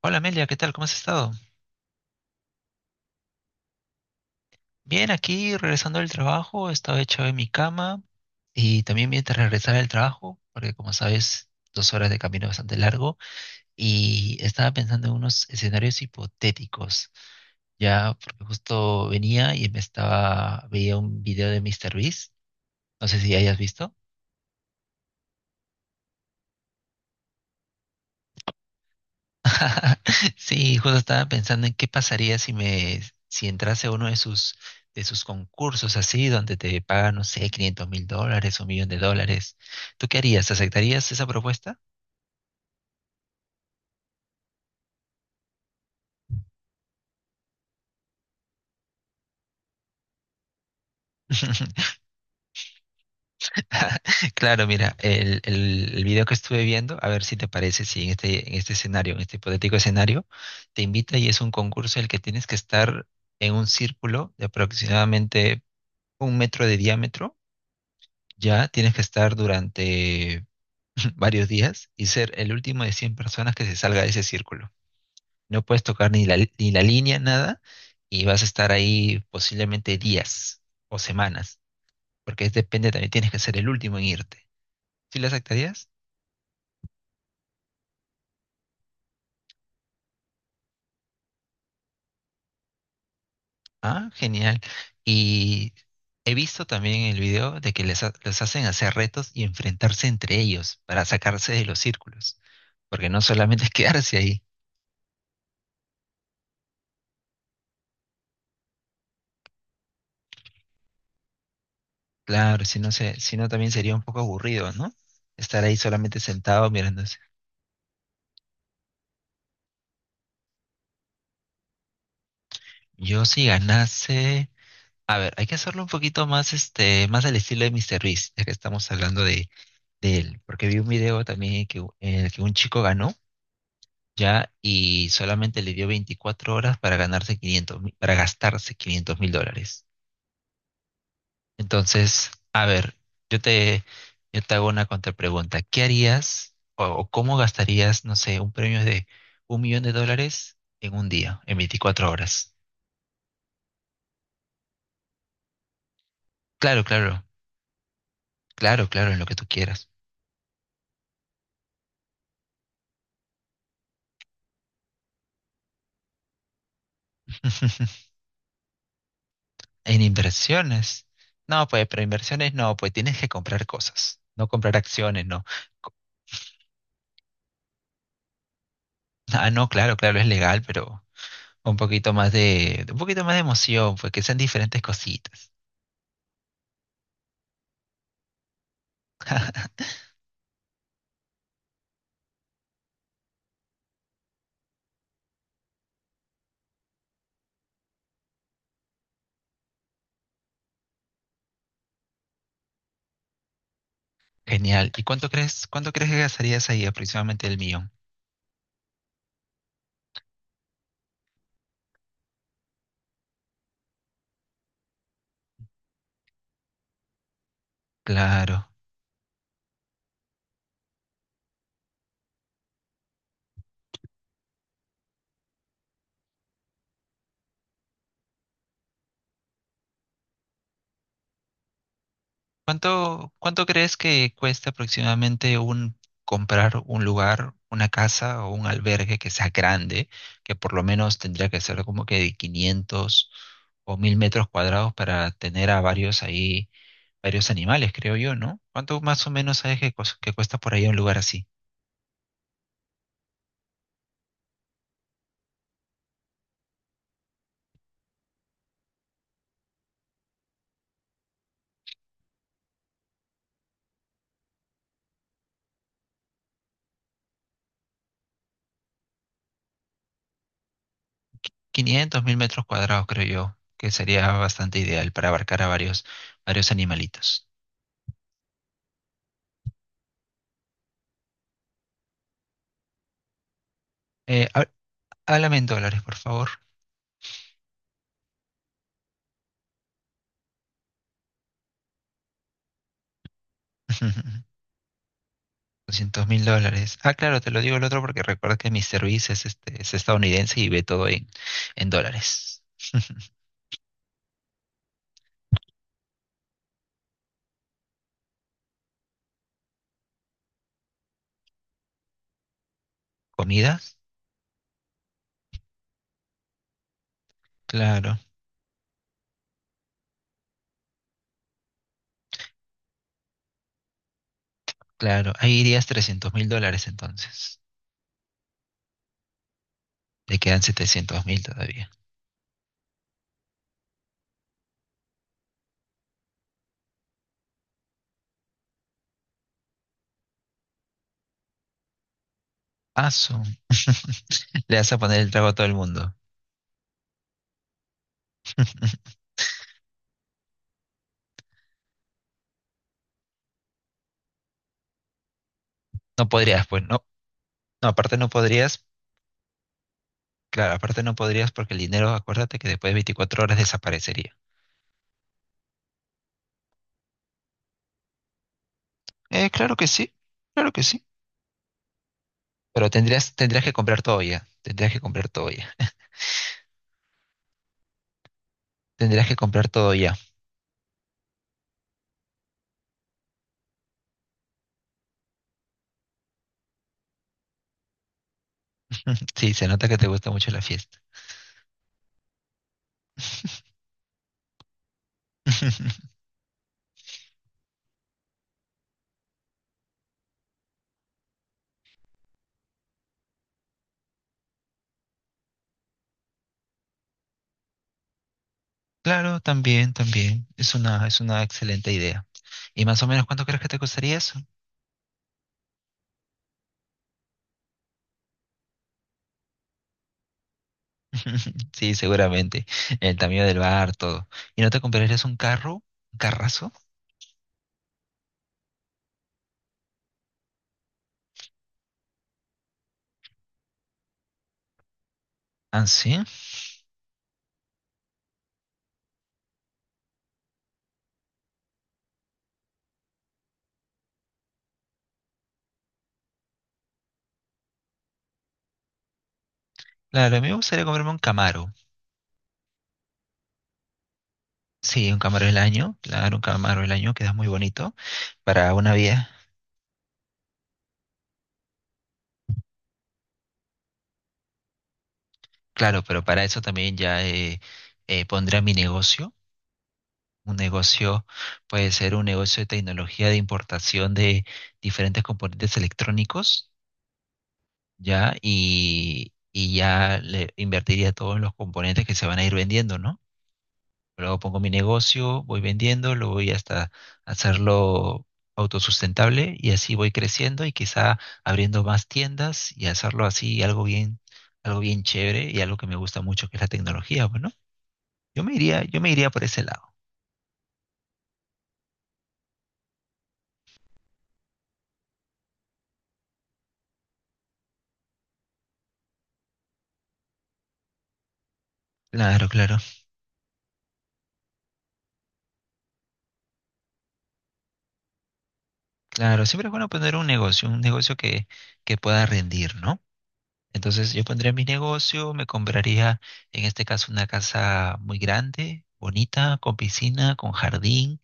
Hola Amelia, ¿qué tal? ¿Cómo has estado? Bien, aquí regresando del trabajo, estaba echado en mi cama y también mientras regresaba del trabajo, porque como sabes, 2 horas de camino es bastante largo, y estaba pensando en unos escenarios hipotéticos, ya porque justo venía y veía un video de Mister MrBeast, no sé si hayas visto. Sí, justo estaba pensando en qué pasaría si entrase a uno de sus concursos así, donde te pagan, no sé, 500 mil dólares o un millón de dólares. ¿Tú qué harías? ¿Aceptarías esa propuesta? Claro, mira, el video que estuve viendo, a ver si te parece, si en este hipotético escenario, te invita y es un concurso en el que tienes que estar en un círculo de aproximadamente 1 metro de diámetro, ya tienes que estar durante varios días y ser el último de 100 personas que se salga de ese círculo. No puedes tocar ni la línea, nada, y vas a estar ahí posiblemente días o semanas, porque depende, también tienes que ser el último en irte. ¿Sí lo aceptarías? Ah, genial. Y he visto también en el video de que les hacen hacer retos y enfrentarse entre ellos para sacarse de los círculos, porque no solamente es quedarse ahí. Claro, si no también sería un poco aburrido, ¿no? Estar ahí solamente sentado mirando. Yo si ganase, a ver, hay que hacerlo un poquito más, más al estilo de Mr. Beast, ya que estamos hablando de él, porque vi un video también que, en el que un chico ganó, ya, y solamente le dio 24 horas para ganarse para gastarse 500 mil dólares. Entonces, a ver, yo te, yo te hago una contrapregunta. ¿Qué harías o cómo gastarías, no sé, un premio de un millón de dólares en un día, en 24 horas? Claro, claro, claro, claro, en lo que tú quieras. En inversiones. No, pues, pero inversiones no, pues tienes que comprar cosas, no comprar acciones, no. Co- Ah, no, claro, claro, es legal, pero un poquito más de emoción, pues que sean diferentes cositas. Genial. ¿Y cuánto crees que gastarías ahí aproximadamente el mío? Claro. ¿Cuánto crees que cuesta aproximadamente un comprar un lugar, una casa o un albergue que sea grande, que por lo menos tendría que ser como que de 500 o 1.000 metros cuadrados para tener a varios ahí, varios animales, creo yo, ¿no? ¿Cuánto más o menos sabes que cuesta por ahí un lugar así? 500.000 metros cuadrados, creo yo, que sería bastante ideal para abarcar a varios animalitos. Eh, há- Háblame en dólares, por favor. 200.000 dólares. Ah, claro, te lo digo el otro porque recuerda que Mr. Beast es estadounidense y ve todo en dólares. ¿Comidas? Claro, claro. Ahí irías 300.000 dólares entonces. Le quedan 700.000 todavía. Ah, Le vas a poner el trago a todo el mundo. No podrías, pues, no. No, aparte no podrías. Claro, aparte no podrías porque el dinero, acuérdate que después de 24 horas desaparecería. Claro que sí, claro que sí. Pero tendrías que comprar todo ya. Tendrías que comprar todo ya. Tendrías que comprar todo ya. Sí, se nota que te gusta mucho la fiesta. Claro, también, también. Es una excelente idea. ¿Y más o menos cuánto crees que te costaría eso? Sí, seguramente. El tamaño del bar, todo. ¿Y no te comprarías un carro? ¿Un carrazo? Ah, sí. Claro, a mí me gustaría comprarme un Camaro. Sí, un Camaro del año. Claro, un Camaro del año queda muy bonito para una vida. Claro, pero para eso también ya pondría mi negocio. Un negocio puede ser un negocio de tecnología de importación de diferentes componentes electrónicos, ¿ya? Y ya le invertiría todos los componentes que se van a ir vendiendo, ¿no? Luego pongo mi negocio, voy vendiendo, lo voy hasta hacerlo autosustentable y así voy creciendo y quizá abriendo más tiendas y hacerlo así algo bien chévere y algo que me gusta mucho, que es la tecnología, bueno. Yo me iría por ese lado. Claro, claro. Claro, siempre es bueno poner un negocio, que pueda rendir, ¿no? Entonces yo pondría mi negocio, me compraría en este caso una casa muy grande, bonita, con piscina, con jardín,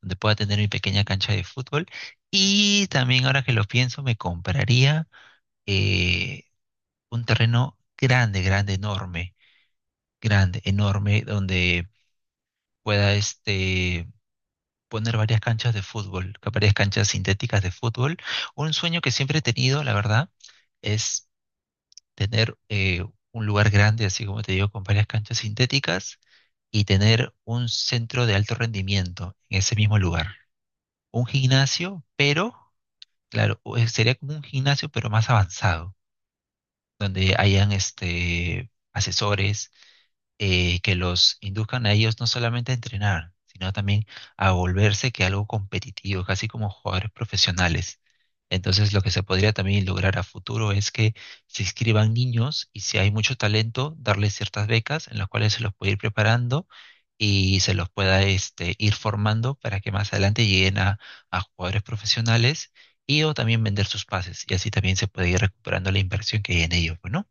donde pueda tener mi pequeña cancha de fútbol. Y también ahora que lo pienso, me compraría eh, un terreno grande, grande, enorme, donde pueda poner varias canchas de fútbol, varias canchas sintéticas de fútbol. Un sueño que siempre he tenido, la verdad, es tener un lugar grande, así como te digo, con varias canchas sintéticas y tener un centro de alto rendimiento en ese mismo lugar. Un gimnasio, pero, claro, sería como un gimnasio, pero más avanzado, donde hayan asesores que los induzcan a ellos no solamente a entrenar, sino también a volverse que algo competitivo, casi como jugadores profesionales. Entonces, lo que se podría también lograr a futuro es que se inscriban niños y si hay mucho talento, darles ciertas becas en las cuales se los puede ir preparando y se los pueda ir formando para que más adelante lleguen a jugadores profesionales y o también vender sus pases y así también se puede ir recuperando la inversión que hay en ellos, ¿no?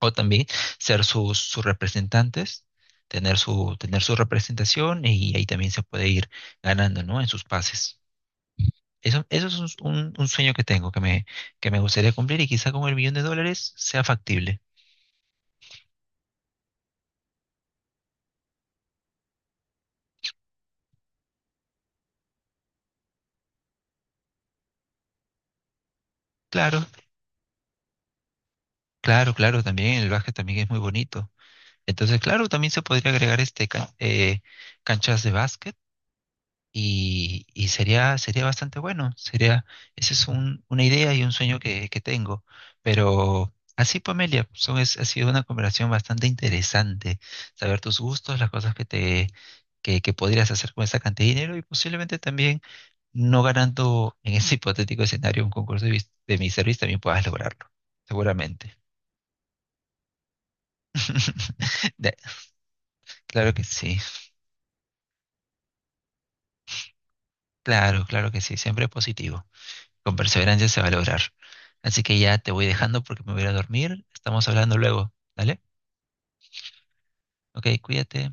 O también ser sus representantes, tener su representación y ahí también se puede ir ganando, ¿no? En sus pases. Eso es un sueño que tengo, que me gustaría cumplir y quizá con el millón de dólares sea factible. Claro, claro, claro, también el básquet también es muy bonito. Entonces, claro, también se podría agregar canchas de básquet y sería bastante bueno. Esa es una idea y un sueño que tengo. Pero así, Pamelia, ha sido una conversación bastante interesante. Saber tus gustos, las cosas que podrías hacer con esa cantidad de dinero y posiblemente también no ganando en ese hipotético escenario un concurso de mi servicio también puedas lograrlo. Seguramente. De- claro que sí, claro, claro que sí, siempre positivo. Con perseverancia se va a lograr. Así que ya te voy dejando porque me voy a ir a dormir. Estamos hablando luego, ¿vale? Ok, cuídate.